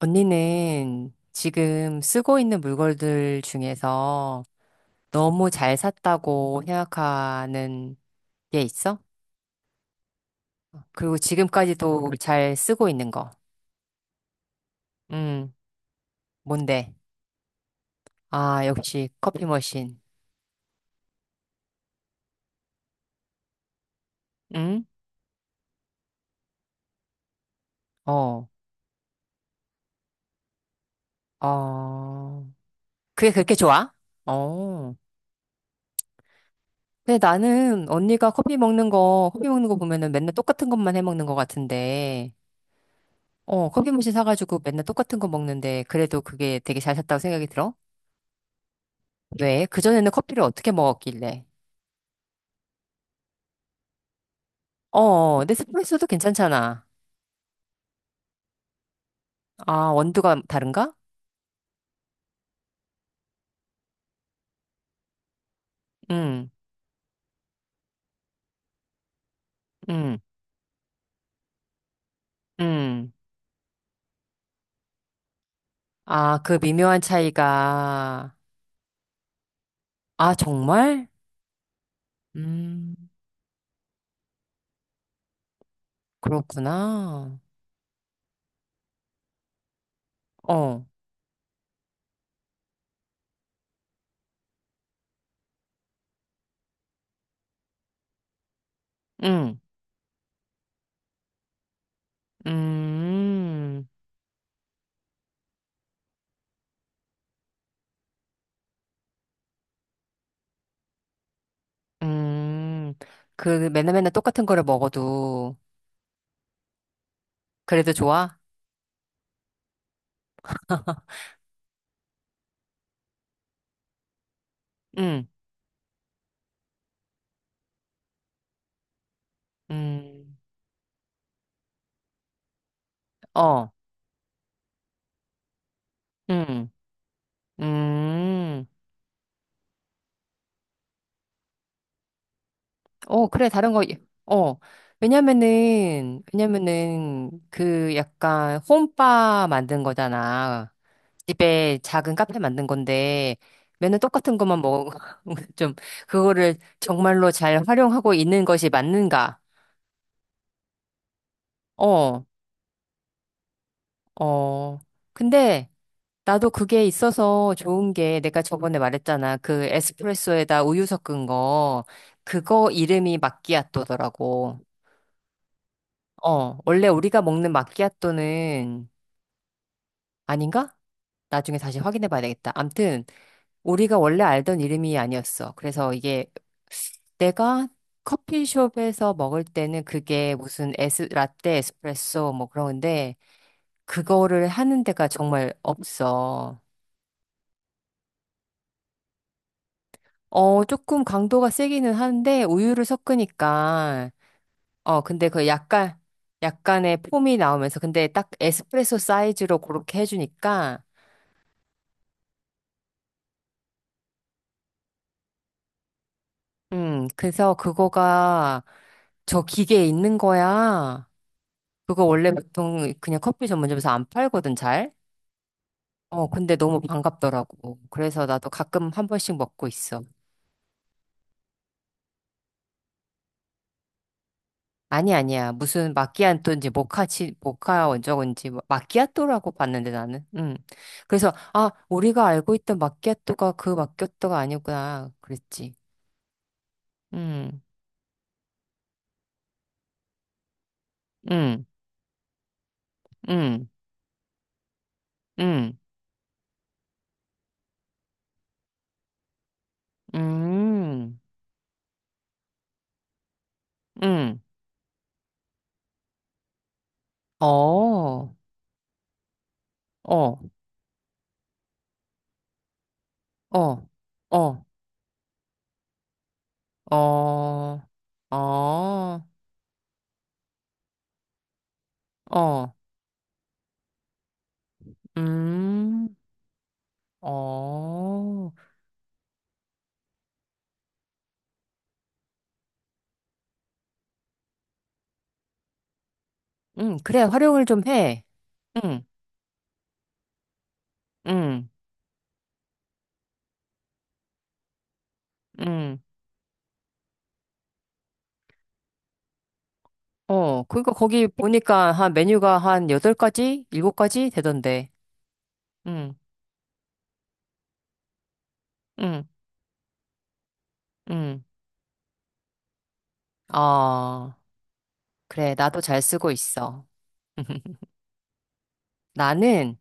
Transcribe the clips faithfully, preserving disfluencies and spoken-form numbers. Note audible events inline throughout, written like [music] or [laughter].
언니는 지금 쓰고 있는 물건들 중에서 너무 잘 샀다고 생각하는 게 있어? 그리고 지금까지도 잘 쓰고 있는 거. 음, 뭔데? 아, 역시 커피 머신. 응? 어, 어. 그게 그렇게 좋아? 어. 근데 나는 언니가 커피 먹는 거, 커피 먹는 거 보면은 맨날 똑같은 것만 해 먹는 것 같은데, 어, 커피 머신 사가지고 맨날 똑같은 거 먹는데, 그래도 그게 되게 잘 샀다고 생각이 들어? 왜? 그전에는 커피를 어떻게 먹었길래? 어, 네스프레소도 괜찮잖아. 아, 원두가 다른가? 응, 응, 응. 아, 그 미묘한 차이가. 아, 정말? 음, 그렇구나. 어, 응, 음, 음. 그 맨날 맨날 똑같은 거를 먹어도 그래도 좋아? [laughs] 응, 음, 어, 응, 음, 어, 그래, 다른 거, 어. 왜냐면은, 왜냐면은, 그 약간 홈바 만든 거잖아. 집에 작은 카페 만든 건데, 맨날 똑같은 것만 먹어. [laughs] 좀, 그거를 정말로 잘 활용하고 있는 것이 맞는가? 어, 어. 근데, 나도 그게 있어서 좋은 게, 내가 저번에 말했잖아. 그 에스프레소에다 우유 섞은 거, 그거 이름이 마끼아또더라고. 어, 원래 우리가 먹는 마끼아또는 아닌가? 나중에 다시 확인해 봐야 되겠다. 암튼, 우리가 원래 알던 이름이 아니었어. 그래서 이게 내가 커피숍에서 먹을 때는 그게 무슨 에스, 라떼, 에스프레소 뭐 그런 건데, 그거를 하는 데가 정말 없어. 어, 조금 강도가 세기는 하는데, 우유를 섞으니까, 어, 근데 그 약간, 약간의 폼이 나오면서, 근데 딱 에스프레소 사이즈로 그렇게 해주니까, 음, 그래서 그거가 저 기계에 있는 거야. 그거 원래 보통 그냥 커피 전문점에서 안 팔거든, 잘. 어, 근데 너무 반갑더라고. 그래서 나도 가끔 한 번씩 먹고 있어. 아니, 아니야. 무슨 마끼아또인지 모카치, 모카 원적인지 마끼아또라고 봤는데 나는. 음. 그래서, 아, 우리가 알고 있던 마끼아또가 그 마끼아또가 아니구나. 그랬지. 음, 음, 음, 음, 음, 음. 어, 어. 어, 어, 어, 어, 어, 음, 어, 음, 그래, 활용을 좀 해. 응, 응, 응. 어, 그러니까 거기 보니까 한 메뉴가 한 여덟 가지? 일곱 가지 되던데. 응, 응, 응. 아, 그래, 나도 잘 쓰고 있어. [laughs] 나는,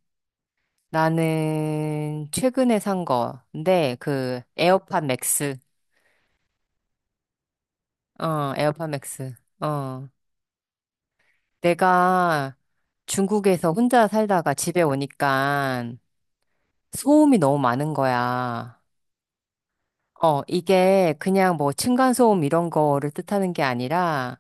나는 최근에 산 거. 근데 그 에어팟 맥스. 어, 에어팟 맥스. 어. 내가 중국에서 혼자 살다가 집에 오니까 소음이 너무 많은 거야. 어, 이게 그냥 뭐 층간소음 이런 거를 뜻하는 게 아니라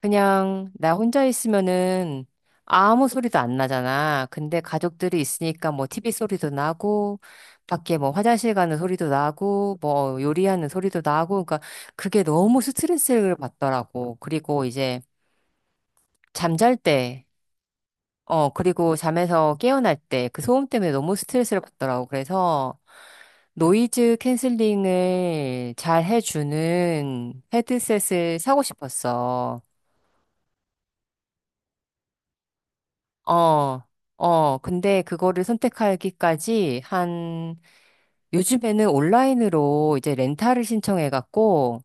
그냥 나 혼자 있으면은 아무 소리도 안 나잖아. 근데 가족들이 있으니까 뭐 티비 소리도 나고 밖에 뭐 화장실 가는 소리도 나고 뭐 요리하는 소리도 나고 그러니까 그게 너무 스트레스를 받더라고. 그리고 이제 잠잘 때 어, 그리고 잠에서 깨어날 때 그 소음 때문에 너무 스트레스를 받더라고. 그래서 노이즈 캔슬링을 잘 해주는 헤드셋을 사고 싶었어. 어, 어, 근데 그거를 선택하기까지 한, 요즘에는 온라인으로 이제 렌탈을 신청해갖고,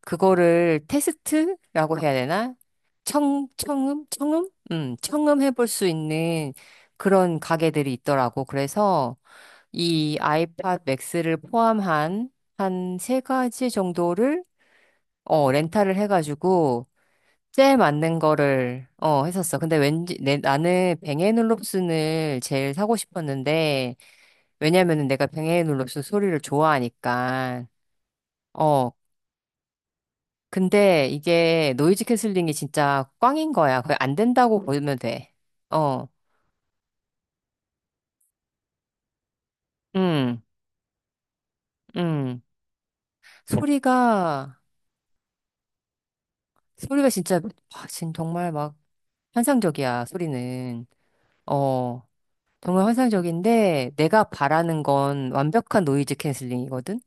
그거를 테스트라고 해야 되나? 청, 청음? 청음? 음, 청음 해볼 수 있는 그런 가게들이 있더라고. 그래서, 이 아이팟 맥스를 포함한 한 세 가지 정도를 어, 렌탈을 해가지고 제일 맞는 거를 어, 했었어. 근데 왠지 내, 나는 뱅앤올롭슨을 제일 사고 싶었는데 왜냐면은 내가 뱅앤올롭슨 소리를 좋아하니까 어, 근데 이게 노이즈 캔슬링이 진짜 꽝인 거야. 거의 안 된다고 보면 돼. 어, 음, 음. 소리가 소리가 진짜 와, 진 정말 막 환상적이야, 소리는. 어, 정말 환상적인데, 내가 바라는 건 완벽한 노이즈 캔슬링이거든?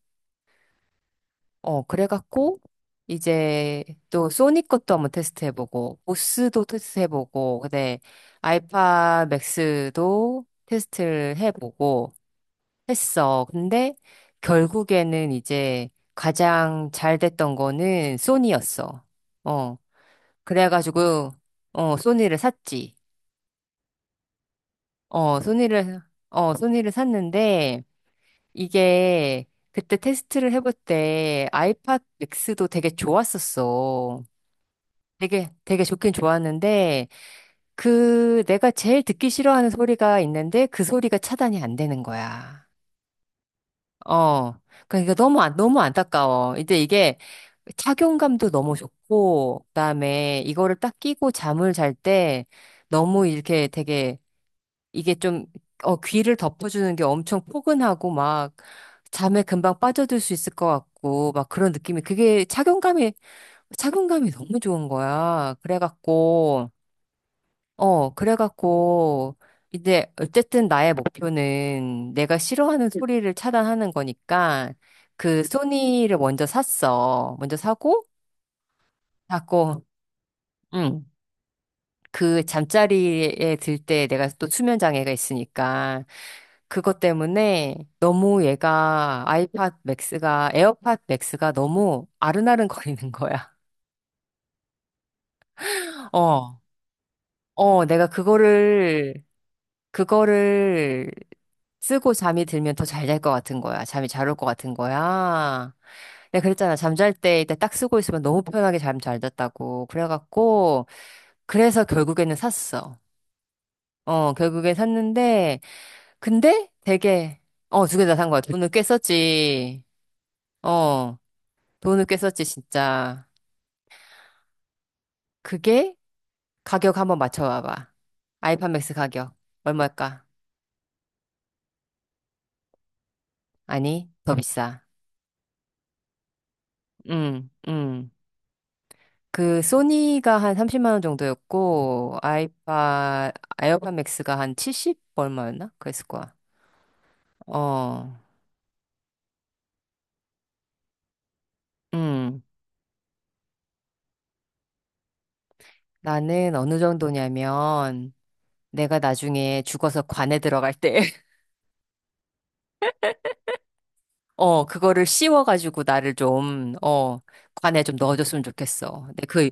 어, 그래갖고, 이제 또 소니 것도 한번 테스트해보고, 보스도 테스트해보고, 근데 알파 맥스도 테스트를 해보고 했어. 근데 결국에는 이제 가장 잘 됐던 거는 소니였어. 어, 그래가지고, 어, 소니를 샀지. 어, 소니를, 어, 소니를 샀는데, 이게 그때 테스트를 해볼 때 아이팟 맥스도 되게 좋았었어. 되게, 되게 좋긴 좋았는데, 그 내가 제일 듣기 싫어하는 소리가 있는데, 그 소리가 차단이 안 되는 거야. 어. 그러니까 너무, 안- 너무 안타까워. 이제 이게 착용감도 너무 좋고, 그다음에 이거를 딱 끼고 잠을 잘 때, 너무 이렇게 되게 이게 좀, 어, 귀를 덮어주는 게 엄청 포근하고 막 잠에 금방 빠져들 수 있을 것 같고 막 그런 느낌이 그게 착용감이, 착용감이 너무 좋은 거야. 그래갖고, 어, 그래갖고, 이제 어쨌든 나의 목표는 내가 싫어하는 소리를 차단하는 거니까 그 소니를 먼저 샀어. 먼저 사고, 자꾸, 응. 그 잠자리에 들 때 내가 또 수면 장애가 있으니까 그것 때문에 너무 얘가 아이팟 맥스가 에어팟 맥스가 너무 아른아른 거리는 거야. 어. 어, 내가 그거를 그거를 쓰고 잠이 들면 더 잘 잘 것 같은 거야. 잠이 잘 올 것 같은 거야. 내가 그랬잖아. 잠잘 때 일단 딱 쓰고 있으면 너무 편하게 잠 잘 잤다고. 그래갖고, 그래서 결국에는 샀어. 어, 결국엔 샀는데, 근데 되게, 어, 두 개 다 산 거야. 돈을 꽤 썼지. 어, 돈을 꽤 썼지, 진짜. 그게 가격 한번 맞춰봐봐. 아이팟맥스 가격. 얼마일까? 아니, 더 비싸. 음, 음. 그, 소니가 한 삼십만 원 정도였고, 아이팟, 에어팟 맥스가 한 칠십 얼마였나? 그랬을 거야. 어, 음. 나는 어느 정도냐면, 내가 나중에 죽어서 관에 들어갈 때, 어, 그거를 씌워가지고 나를 좀, 어, 관에 좀 넣어줬으면 좋겠어. 근데 그,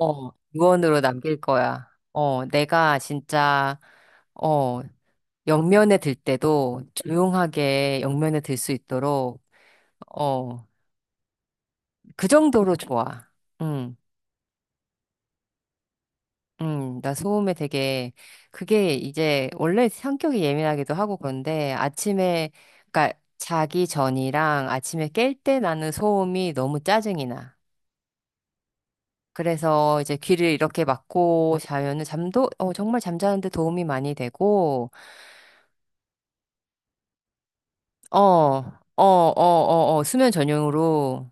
어, 유언으로 남길 거야. 어, 내가 진짜, 어, 영면에 들 때도 조용하게 영면에 들 수 있도록, 어, 그 정도로 좋아. 응, 응, 나 소음에 되게, 그게 이제 원래 성격이 예민하기도 하고 그런데 아침에, 그러니까 자기 전이랑 아침에 깰 때 나는 소음이 너무 짜증이 나. 그래서 이제 귀를 이렇게 막고 자면은 잠도, 어, 정말 잠자는데 도움이 많이 되고, 어, 어, 어, 어, 어, 수면 전용으로,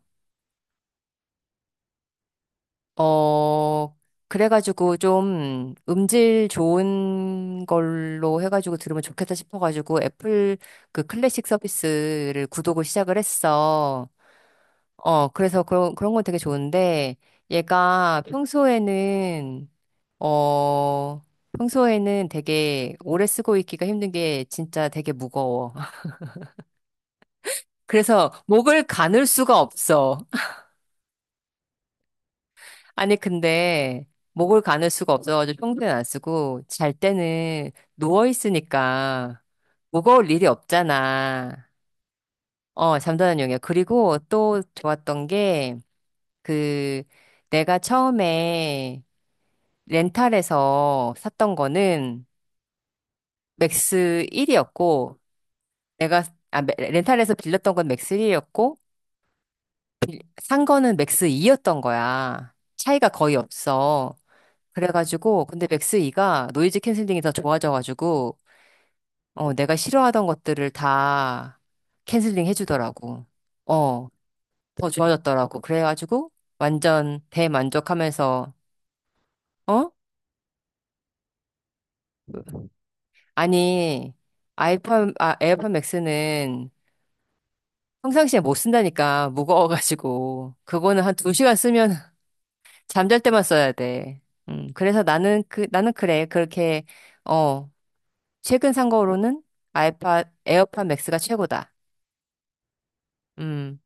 어, 그래가지고 좀 음질 좋은 걸로 해가지고 들으면 좋겠다 싶어가지고 애플 그 클래식 서비스를 구독을 시작을 했어. 어, 그래서 그런, 그런 건 되게 좋은데, 얘가 평소에는 어, 평소에는 되게 오래 쓰고 있기가 힘든 게 진짜 되게 무거워. [laughs] 그래서 목을 가눌 수가 없어. [laughs] 아니, 근데 목을 가눌 수가 없어가지고 평소에는 안 쓰고 잘 때는 누워 있으니까 무거울 일이 없잖아. 어, 잠자는 용이야. 그리고 또 좋았던 게 그 내가 처음에 렌탈에서 샀던 거는 맥스 일이었고 내가 아, 메- 렌탈해서 빌렸던 건 맥스삼이었고 산 거는 맥스이였던 거야. 차이가 거의 없어. 그래가지고 근데 맥스이가 노이즈 캔슬링이 더 좋아져가지고 어, 내가 싫어하던 것들을 다 캔슬링 해주더라고. 어, 더 좋아졌더라고. 그래가지고 완전 대만족하면서 어? 아니, 아이폰 아 에어팟 맥스는 평상시에 못 쓴다니까 무거워가지고 그거는 한 두 시간 쓰면 잠잘 때만 써야 돼. 음, 그래서 나는 그, 나는 그래. 그렇게, 어, 최근 산 거로는 아이팟, 에어팟 맥스가 최고다. 음,